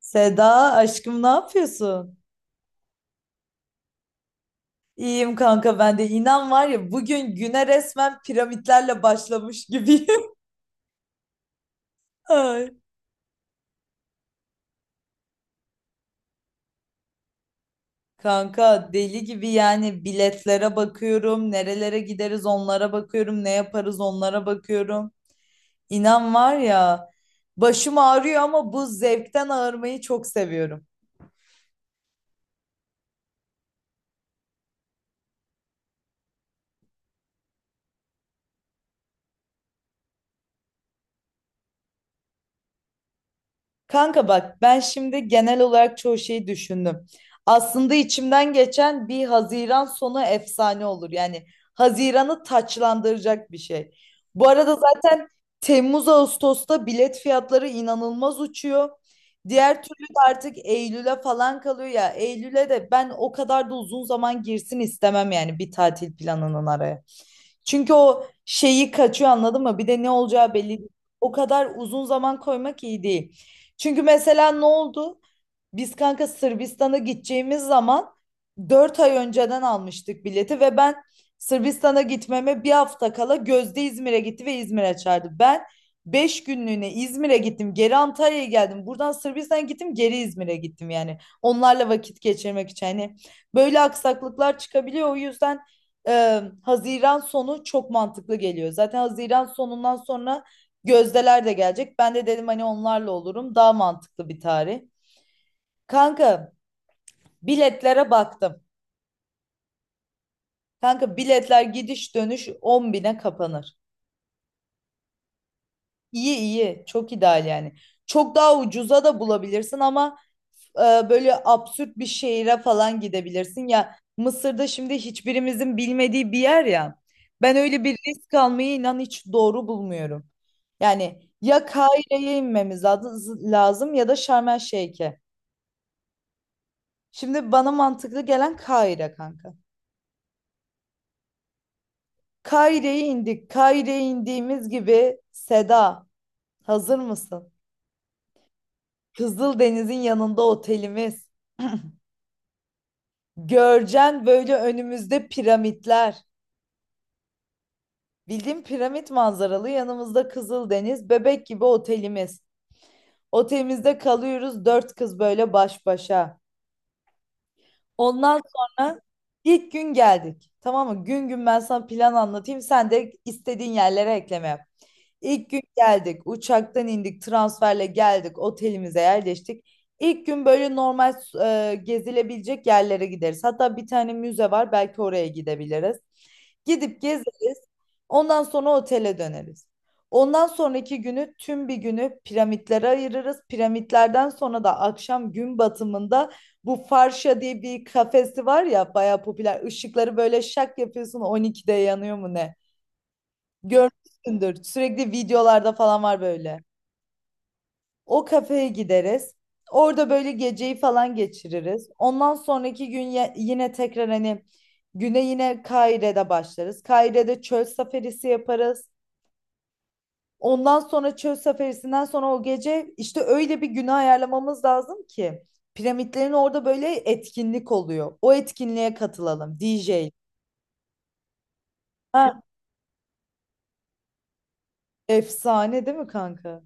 Seda aşkım ne yapıyorsun? İyiyim kanka ben de inan var ya bugün güne resmen piramitlerle başlamış gibiyim. Ay. Kanka deli gibi yani biletlere bakıyorum, nerelere gideriz onlara bakıyorum, ne yaparız onlara bakıyorum. İnan var ya başım ağrıyor ama bu zevkten ağırmayı çok seviyorum. Kanka bak ben şimdi genel olarak çoğu şeyi düşündüm. Aslında içimden geçen bir Haziran sonu efsane olur. Yani Haziran'ı taçlandıracak bir şey. Bu arada zaten Temmuz Ağustos'ta bilet fiyatları inanılmaz uçuyor. Diğer türlü de artık Eylül'e falan kalıyor ya. Eylül'e de ben o kadar da uzun zaman girsin istemem yani bir tatil planının araya. Çünkü o şeyi kaçıyor anladın mı? Bir de ne olacağı belli değil. O kadar uzun zaman koymak iyi değil. Çünkü mesela ne oldu? Biz kanka Sırbistan'a gideceğimiz zaman 4 ay önceden almıştık bileti ve ben Sırbistan'a gitmeme bir hafta kala Gözde İzmir'e gitti ve İzmir'e çağırdı. Ben 5 günlüğüne İzmir'e gittim, geri Antalya'ya geldim. Buradan Sırbistan'a gittim, geri İzmir'e gittim yani. Onlarla vakit geçirmek için. Hani böyle aksaklıklar çıkabiliyor. O yüzden Haziran sonu çok mantıklı geliyor. Zaten Haziran sonundan sonra Gözdeler de gelecek. Ben de dedim hani onlarla olurum. Daha mantıklı bir tarih. Kanka biletlere baktım. Kanka biletler gidiş dönüş 10 bine kapanır. İyi iyi çok ideal yani. Çok daha ucuza da bulabilirsin ama e, böyle absürt bir şehire falan gidebilirsin. Ya Mısır'da şimdi hiçbirimizin bilmediği bir yer ya. Ben öyle bir risk almayı inan hiç doğru bulmuyorum. Yani ya Kahire'ye inmemiz lazım ya da Şarm El Şeyh'e. Şimdi bana mantıklı gelen Kahire kanka. Kaire'ye indik. Kaire'ye indiğimiz gibi Seda, hazır mısın? Kızıldeniz'in yanında otelimiz. Görcen böyle önümüzde piramitler. Bildiğin piramit manzaralı yanımızda Kızıldeniz, bebek gibi otelimiz. Otelimizde kalıyoruz dört kız böyle baş başa. Ondan sonra ilk gün geldik. Tamam mı? Gün gün ben sana plan anlatayım. Sen de istediğin yerlere ekleme yap. İlk gün geldik. Uçaktan indik. Transferle geldik. Otelimize yerleştik. İlk gün böyle normal gezilebilecek yerlere gideriz. Hatta bir tane müze var. Belki oraya gidebiliriz. Gidip gezeriz. Ondan sonra otele döneriz. Ondan sonraki günü tüm bir günü piramitlere ayırırız. Piramitlerden sonra da akşam gün batımında bu Farşa diye bir kafesi var ya bayağı popüler. Işıkları böyle şak yapıyorsun 12'de yanıyor mu ne? Görmüşsündür. Sürekli videolarda falan var böyle. O kafeye gideriz. Orada böyle geceyi falan geçiririz. Ondan sonraki gün yine tekrar hani güne yine Kaire'de başlarız. Kaire'de çöl safarisi yaparız. Ondan sonra çöl safarisinden sonra o gece işte öyle bir güne ayarlamamız lazım ki piramitlerin orada böyle etkinlik oluyor. O etkinliğe katılalım DJ. Ha, efsane değil mi kanka?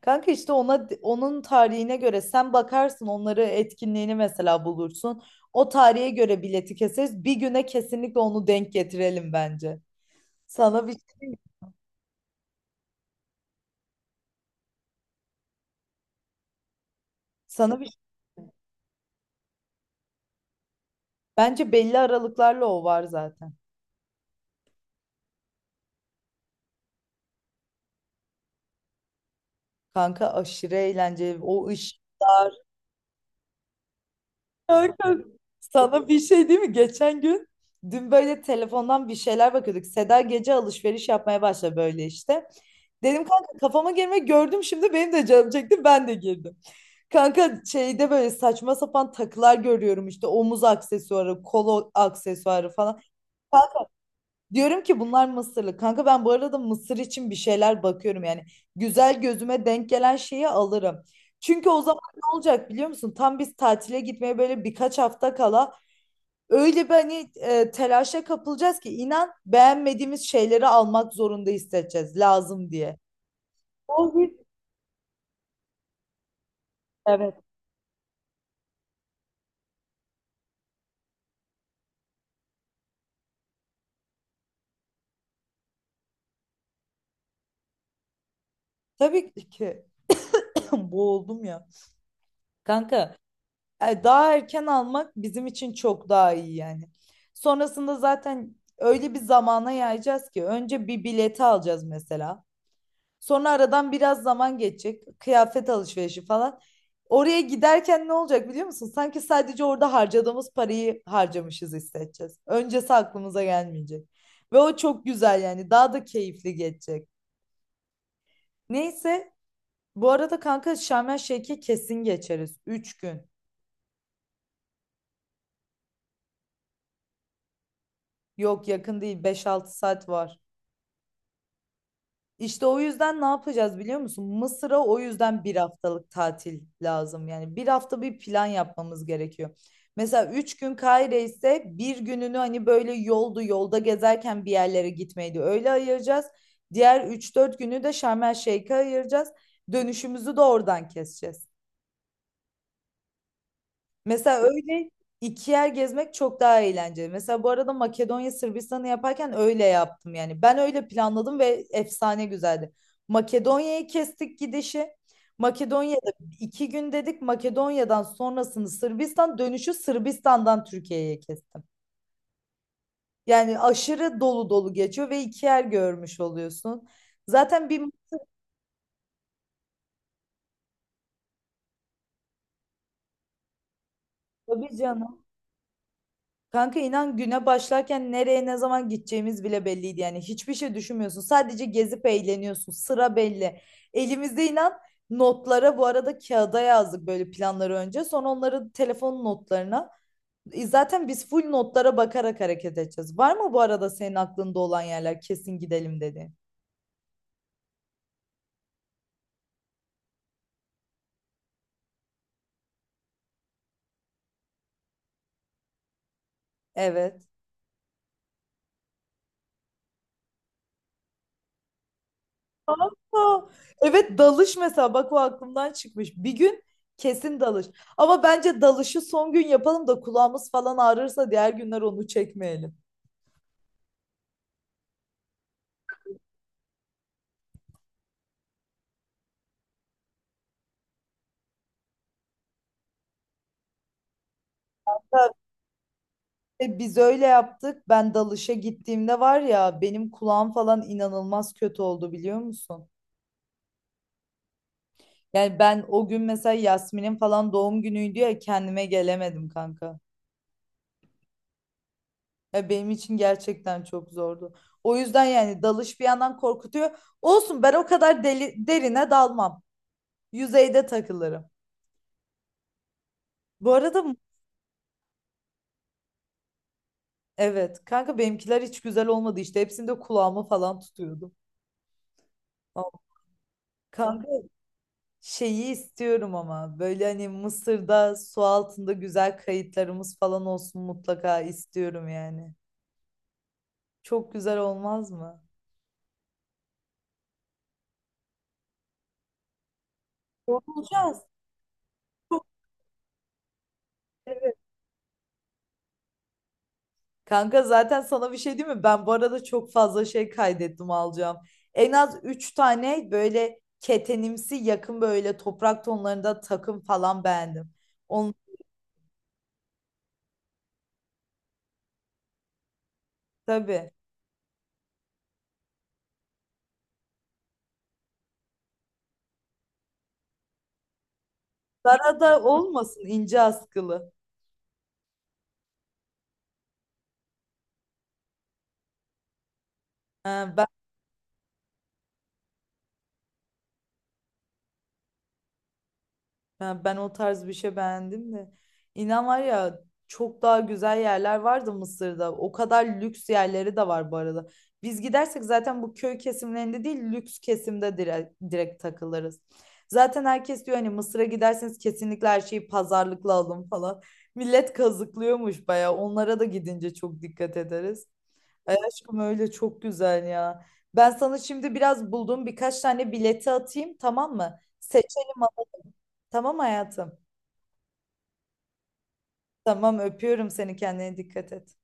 Kanka işte ona onun tarihine göre sen bakarsın onları etkinliğini mesela bulursun. O tarihe göre bileti keseriz. Bir güne kesinlikle onu denk getirelim bence. Sana bir şey diyeyim mi? sana bir şey diyeyim mi? Bence belli aralıklarla o var zaten. Kanka aşırı eğlenceli. O ışık. Kanka, sana bir şey değil mi? Geçen gün dün böyle telefondan bir şeyler bakıyorduk. Seda gece alışveriş yapmaya başladı böyle işte. Dedim kanka kafama girme gördüm şimdi benim de canım çekti ben de girdim. Kanka şeyde böyle saçma sapan takılar görüyorum işte omuz aksesuarı, kol aksesuarı falan. Kanka, diyorum ki bunlar Mısırlı. Kanka ben bu arada Mısır için bir şeyler bakıyorum yani. Güzel gözüme denk gelen şeyi alırım. Çünkü o zaman ne olacak biliyor musun? Tam biz tatile gitmeye böyle birkaç hafta kala öyle bir hani telaşa kapılacağız ki inan beğenmediğimiz şeyleri almak zorunda hissedeceğiz lazım diye. O bir Evet. Tabii ki boğuldum ya. Kanka daha erken almak bizim için çok daha iyi yani. Sonrasında zaten öyle bir zamana yayacağız ki önce bir bileti alacağız mesela. Sonra aradan biraz zaman geçecek. Kıyafet alışverişi falan. Oraya giderken ne olacak biliyor musun? Sanki sadece orada harcadığımız parayı harcamışız hissedeceğiz. Öncesi aklımıza gelmeyecek. Ve o çok güzel yani. Daha da keyifli geçecek. Neyse. Bu arada kanka Şarm El Şeyh'e kesin geçeriz. 3 gün. Yok yakın değil. Beş altı saat var. İşte o yüzden ne yapacağız biliyor musun? Mısır'a o yüzden bir haftalık tatil lazım. Yani bir hafta bir plan yapmamız gerekiyor. Mesela üç gün Kahire ise bir gününü hani böyle yoldu yolda gezerken bir yerlere gitmeydi. Öyle ayıracağız. Diğer üç dört günü de Şarm El Şeyh'e ayıracağız. Dönüşümüzü de oradan keseceğiz. Mesela öyle iki yer gezmek çok daha eğlenceli. Mesela bu arada Makedonya Sırbistan'ı yaparken öyle yaptım yani. Ben öyle planladım ve efsane güzeldi. Makedonya'yı kestik gidişi. Makedonya'da iki gün dedik. Makedonya'dan sonrasını Sırbistan dönüşü Sırbistan'dan Türkiye'ye kestim. Yani aşırı dolu dolu geçiyor ve iki yer görmüş oluyorsun. Zaten bir tabii canım. Kanka inan güne başlarken nereye ne zaman gideceğimiz bile belliydi yani hiçbir şey düşünmüyorsun sadece gezip eğleniyorsun sıra belli elimizde inan notlara bu arada kağıda yazdık böyle planları önce sonra onları telefon notlarına. Zaten biz full notlara bakarak hareket edeceğiz var mı bu arada senin aklında olan yerler kesin gidelim dedi. Evet. Aa, evet dalış mesela bak o aklımdan çıkmış. Bir gün kesin dalış. Ama bence dalışı son gün yapalım da kulağımız falan ağrırsa diğer günler onu çekmeyelim. Tabii biz öyle yaptık. Ben dalışa gittiğimde var ya benim kulağım falan inanılmaz kötü oldu biliyor musun? Yani ben o gün mesela Yasmin'in falan doğum günüydü ya kendime gelemedim kanka. Ya benim için gerçekten çok zordu. O yüzden yani dalış bir yandan korkutuyor. Olsun ben o kadar deli, derine dalmam. Yüzeyde takılırım. Bu arada m- evet kanka benimkiler hiç güzel olmadı işte hepsinde kulağımı falan tutuyordum. Ama kanka şeyi istiyorum ama böyle hani Mısır'da su altında güzel kayıtlarımız falan olsun mutlaka istiyorum yani. Çok güzel olmaz mı? Olacağız. Çok. Evet. Kanka zaten sana bir şey diyeyim mi? Ben bu arada çok fazla şey kaydettim alacağım. En az 3 tane böyle ketenimsi yakın böyle toprak tonlarında takım falan beğendim. Tabii. Dara da olmasın ince askılı. Ha, ben ha, ben o tarz bir şey beğendim de. İnan var ya çok daha güzel yerler vardı Mısır'da. O kadar lüks yerleri de var bu arada. Biz gidersek zaten bu köy kesimlerinde değil lüks kesimde direkt, direkt takılırız. Zaten herkes diyor hani Mısır'a giderseniz kesinlikle her şeyi pazarlıkla alın falan. Millet kazıklıyormuş bayağı. Onlara da gidince çok dikkat ederiz. Ay aşkım öyle çok güzel ya. Ben sana şimdi biraz bulduğum birkaç tane bileti atayım tamam mı? Seçelim tamam hayatım. Tamam öpüyorum seni kendine dikkat et.